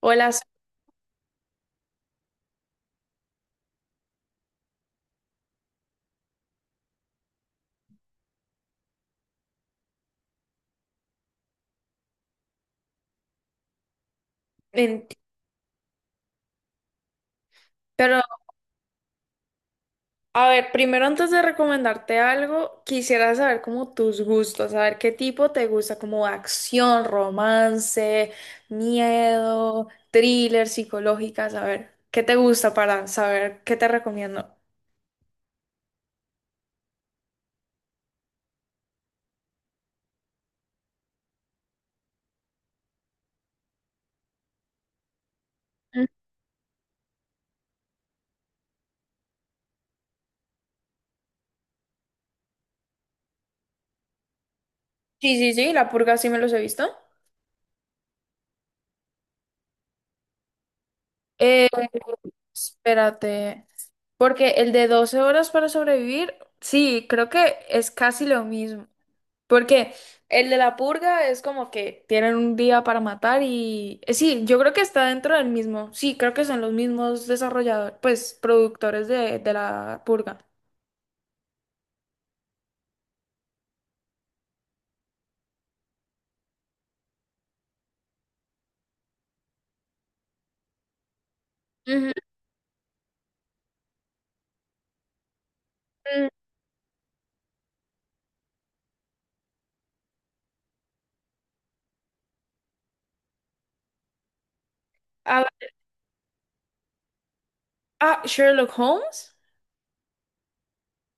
O las... en- Pero, a ver, primero antes de recomendarte algo, quisiera saber como tus gustos, saber qué tipo te gusta, como acción, romance, miedo, thriller, psicológicas, a ver, qué te gusta para saber qué te recomiendo. Mm. Sí, sí, sí, La Purga sí me los he visto. Eh, espérate, porque el de 12 horas para sobrevivir, sí, creo que es casi lo mismo. Porque el de la purga es como que tienen un día para matar Sí, yo creo que está dentro del mismo. Sí, creo que son los mismos desarrolladores, pues productores de la purga. Ujú. Mm. Ah, ah, Sherlock Holmes.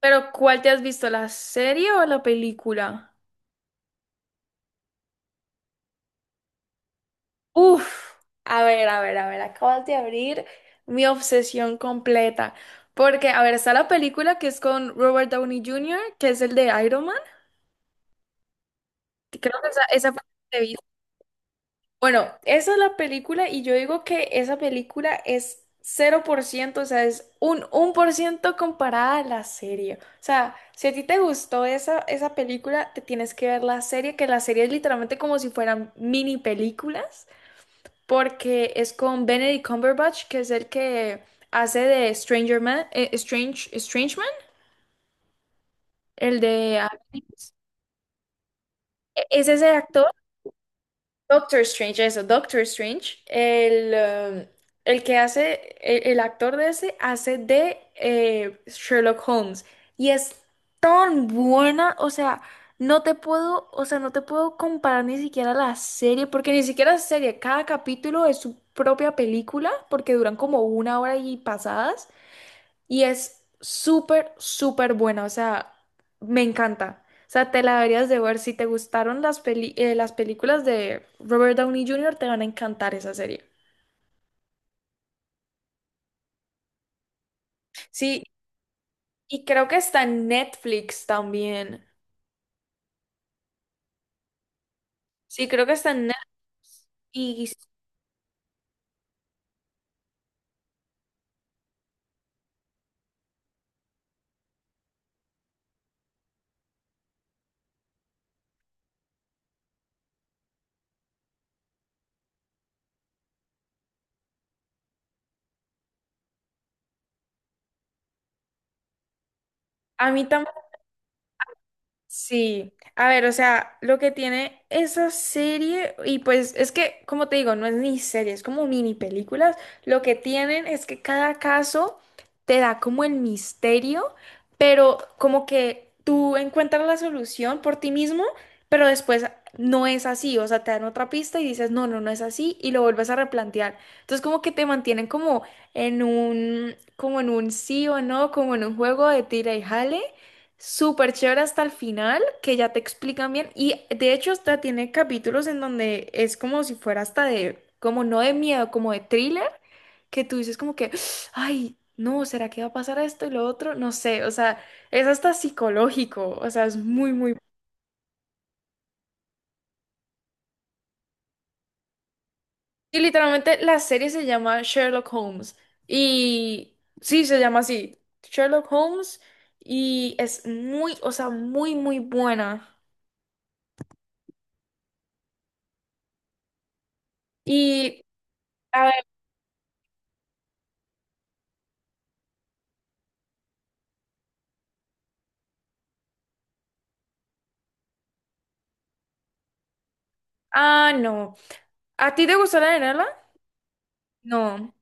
Pero ¿cuál te has visto? ¿La serie o la película? Uf, a ver, a ver, a ver, acabas de abrir mi obsesión completa. Porque, a ver, está la película que es con Robert Downey Jr., que es el de Iron Man. Creo que esa, fue la que vi. Bueno, esa es la película y yo digo que esa película es 0%, o sea, es un 1% comparada a la serie. O sea, si a ti te gustó esa, película, te tienes que ver la serie, que la serie es literalmente como si fueran mini películas, porque es con Benedict Cumberbatch, que es el que hace de Stranger Man, Strange, Strange Man, el de... Aliens. Es ese actor Doctor Strange, eso, Doctor Strange, el que hace, el actor de ese hace de Sherlock Holmes. Y es tan buena, o sea, no te puedo, o sea, no te puedo comparar ni siquiera la serie, porque ni siquiera es serie, cada capítulo es su propia película, porque duran como una hora y pasadas. Y es súper, súper buena, o sea, me encanta. O sea, te la deberías de ver. Si te gustaron las películas de Robert Downey Jr., te van a encantar esa serie. Sí, y creo que está en Netflix también. Sí, creo que está en Netflix. Y a mí también. Sí, a ver, o sea, lo que tiene esa serie, y pues es que, como te digo, no es ni serie, es como mini películas, lo que tienen es que cada caso te da como el misterio, pero como que tú encuentras la solución por ti mismo, pero después no es así, o sea, te dan otra pista y dices, no, no, no es así, y lo vuelves a replantear. Entonces, como que te mantienen como en un sí o no, como en un juego de tira y jale súper chévere hasta el final, que ya te explican bien. Y de hecho, hasta tiene capítulos en donde es como si fuera hasta de, como no de miedo, como de thriller, que tú dices como que, ay, no, ¿será que va a pasar esto y lo otro? No sé, o sea, es hasta psicológico, o sea, es muy, muy. Y literalmente la serie se llama Sherlock Holmes. Y sí, se llama así, Sherlock Holmes. Y es muy, o sea, muy, muy buena. Y... a Ah, no. ¿A ti te gustó la novela? No.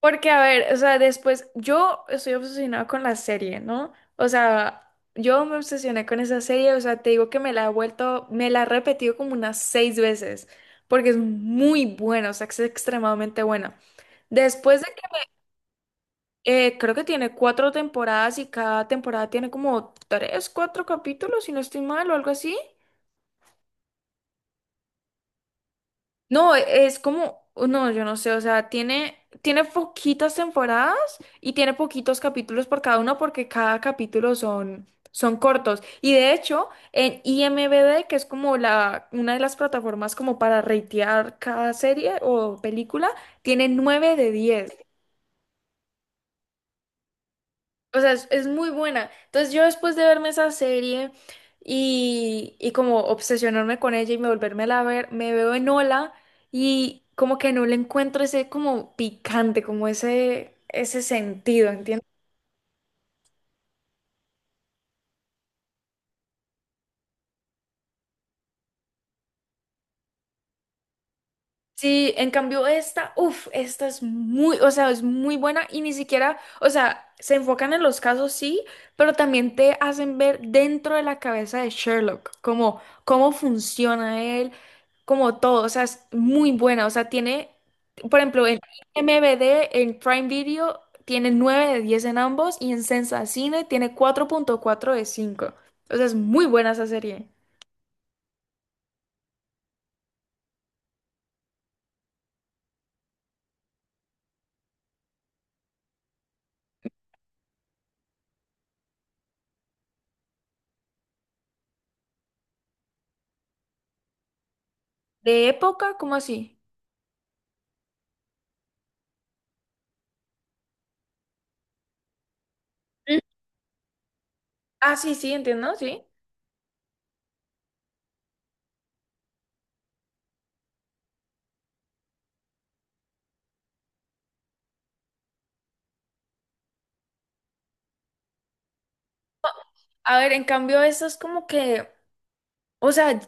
Porque, a ver, o sea, después, yo estoy obsesionada con la serie, ¿no? O sea, yo me obsesioné con esa serie, o sea, te digo que me la he repetido como unas seis veces, porque es muy buena, o sea, es extremadamente buena. Después de que, Creo que tiene cuatro temporadas y cada temporada tiene como tres, cuatro capítulos, si no estoy mal, o algo así. No, es como, oh, no, yo no sé, o sea, tiene, poquitas temporadas y tiene poquitos capítulos por cada uno porque cada capítulo son, cortos. Y de hecho, en IMDb, que es como una de las plataformas como para ratear cada serie o película, tiene 9 de 10. O sea, es muy buena. Entonces yo después de verme esa serie y como obsesionarme con ella y me volverme a ver, me veo en Ola y como que no le encuentro ese como picante, como ese sentido, ¿entiendes? Sí, en cambio esta es muy, o sea, es muy buena y ni siquiera, o sea, se enfocan en los casos, sí, pero también te hacen ver dentro de la cabeza de Sherlock, como cómo funciona él, como todo, o sea, es muy buena, o sea, tiene, por ejemplo, en MVD, en Prime Video, tiene 9 de 10 en ambos y en Sensacine tiene 4,4 de 5, o sea, es muy buena esa serie. ¿De época? ¿Cómo así? Mm. Ah, sí, sí, entiendo, sí. A ver, en cambio, eso es como que, o sea,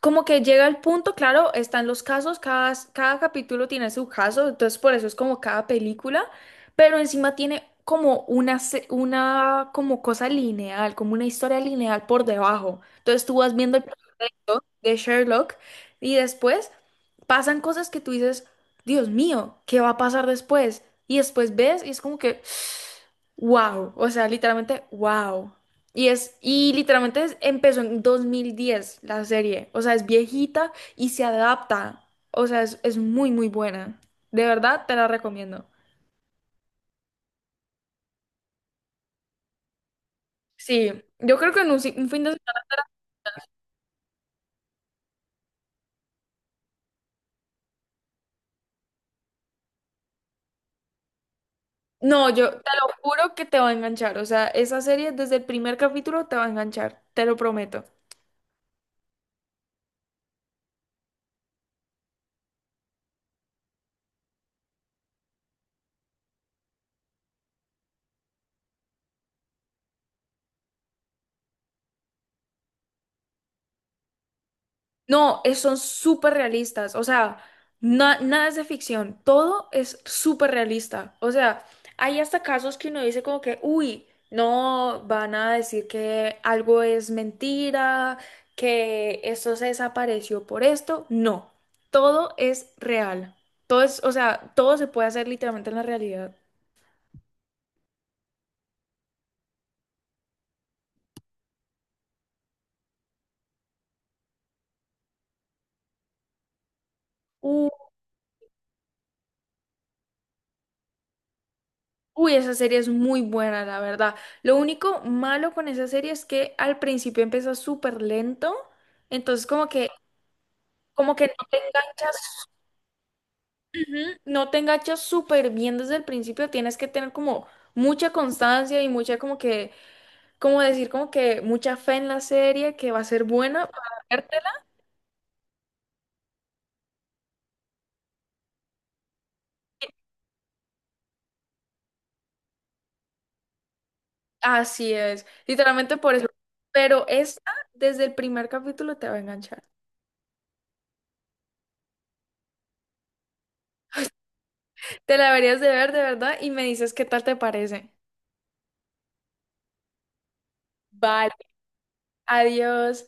como que llega el punto, claro, están los casos, cada capítulo tiene su caso, entonces por eso es como cada película, pero encima tiene como una como cosa lineal, como una historia lineal por debajo. Entonces tú vas viendo el de Sherlock y después pasan cosas que tú dices, Dios mío, ¿qué va a pasar después? Y después ves y es como que, wow, o sea, literalmente, wow. Y es, y literalmente empezó en 2010 la serie, o sea, es viejita y se adapta, o sea, es muy, muy buena. De verdad, te la recomiendo. Sí, yo creo que en un, si- un fin de semana. No, yo te lo juro que te va a enganchar, o sea, esa serie desde el primer capítulo te va a enganchar, te lo prometo. No, son súper realistas. O sea, nada es de ficción. Todo es súper realista. O sea, hay hasta casos que uno dice como que, uy, no, van a decir que algo es mentira, que esto se desapareció por esto. No, todo es real. Todo es, o sea, todo se puede hacer literalmente en la realidad. U- Uy, esa serie es muy buena, la verdad. Lo único malo con esa serie es que al principio empieza súper lento. Entonces, como que no te enganchas, ujú, no te enganchas súper bien desde el principio, tienes que tener como mucha constancia y mucha como que, como decir, como que mucha fe en la serie que va a ser buena para vértela. Así es, literalmente por eso. Pero esta, desde el primer capítulo te va a enganchar. Te la deberías de ver de verdad y me dices qué tal te parece. Vale, adiós.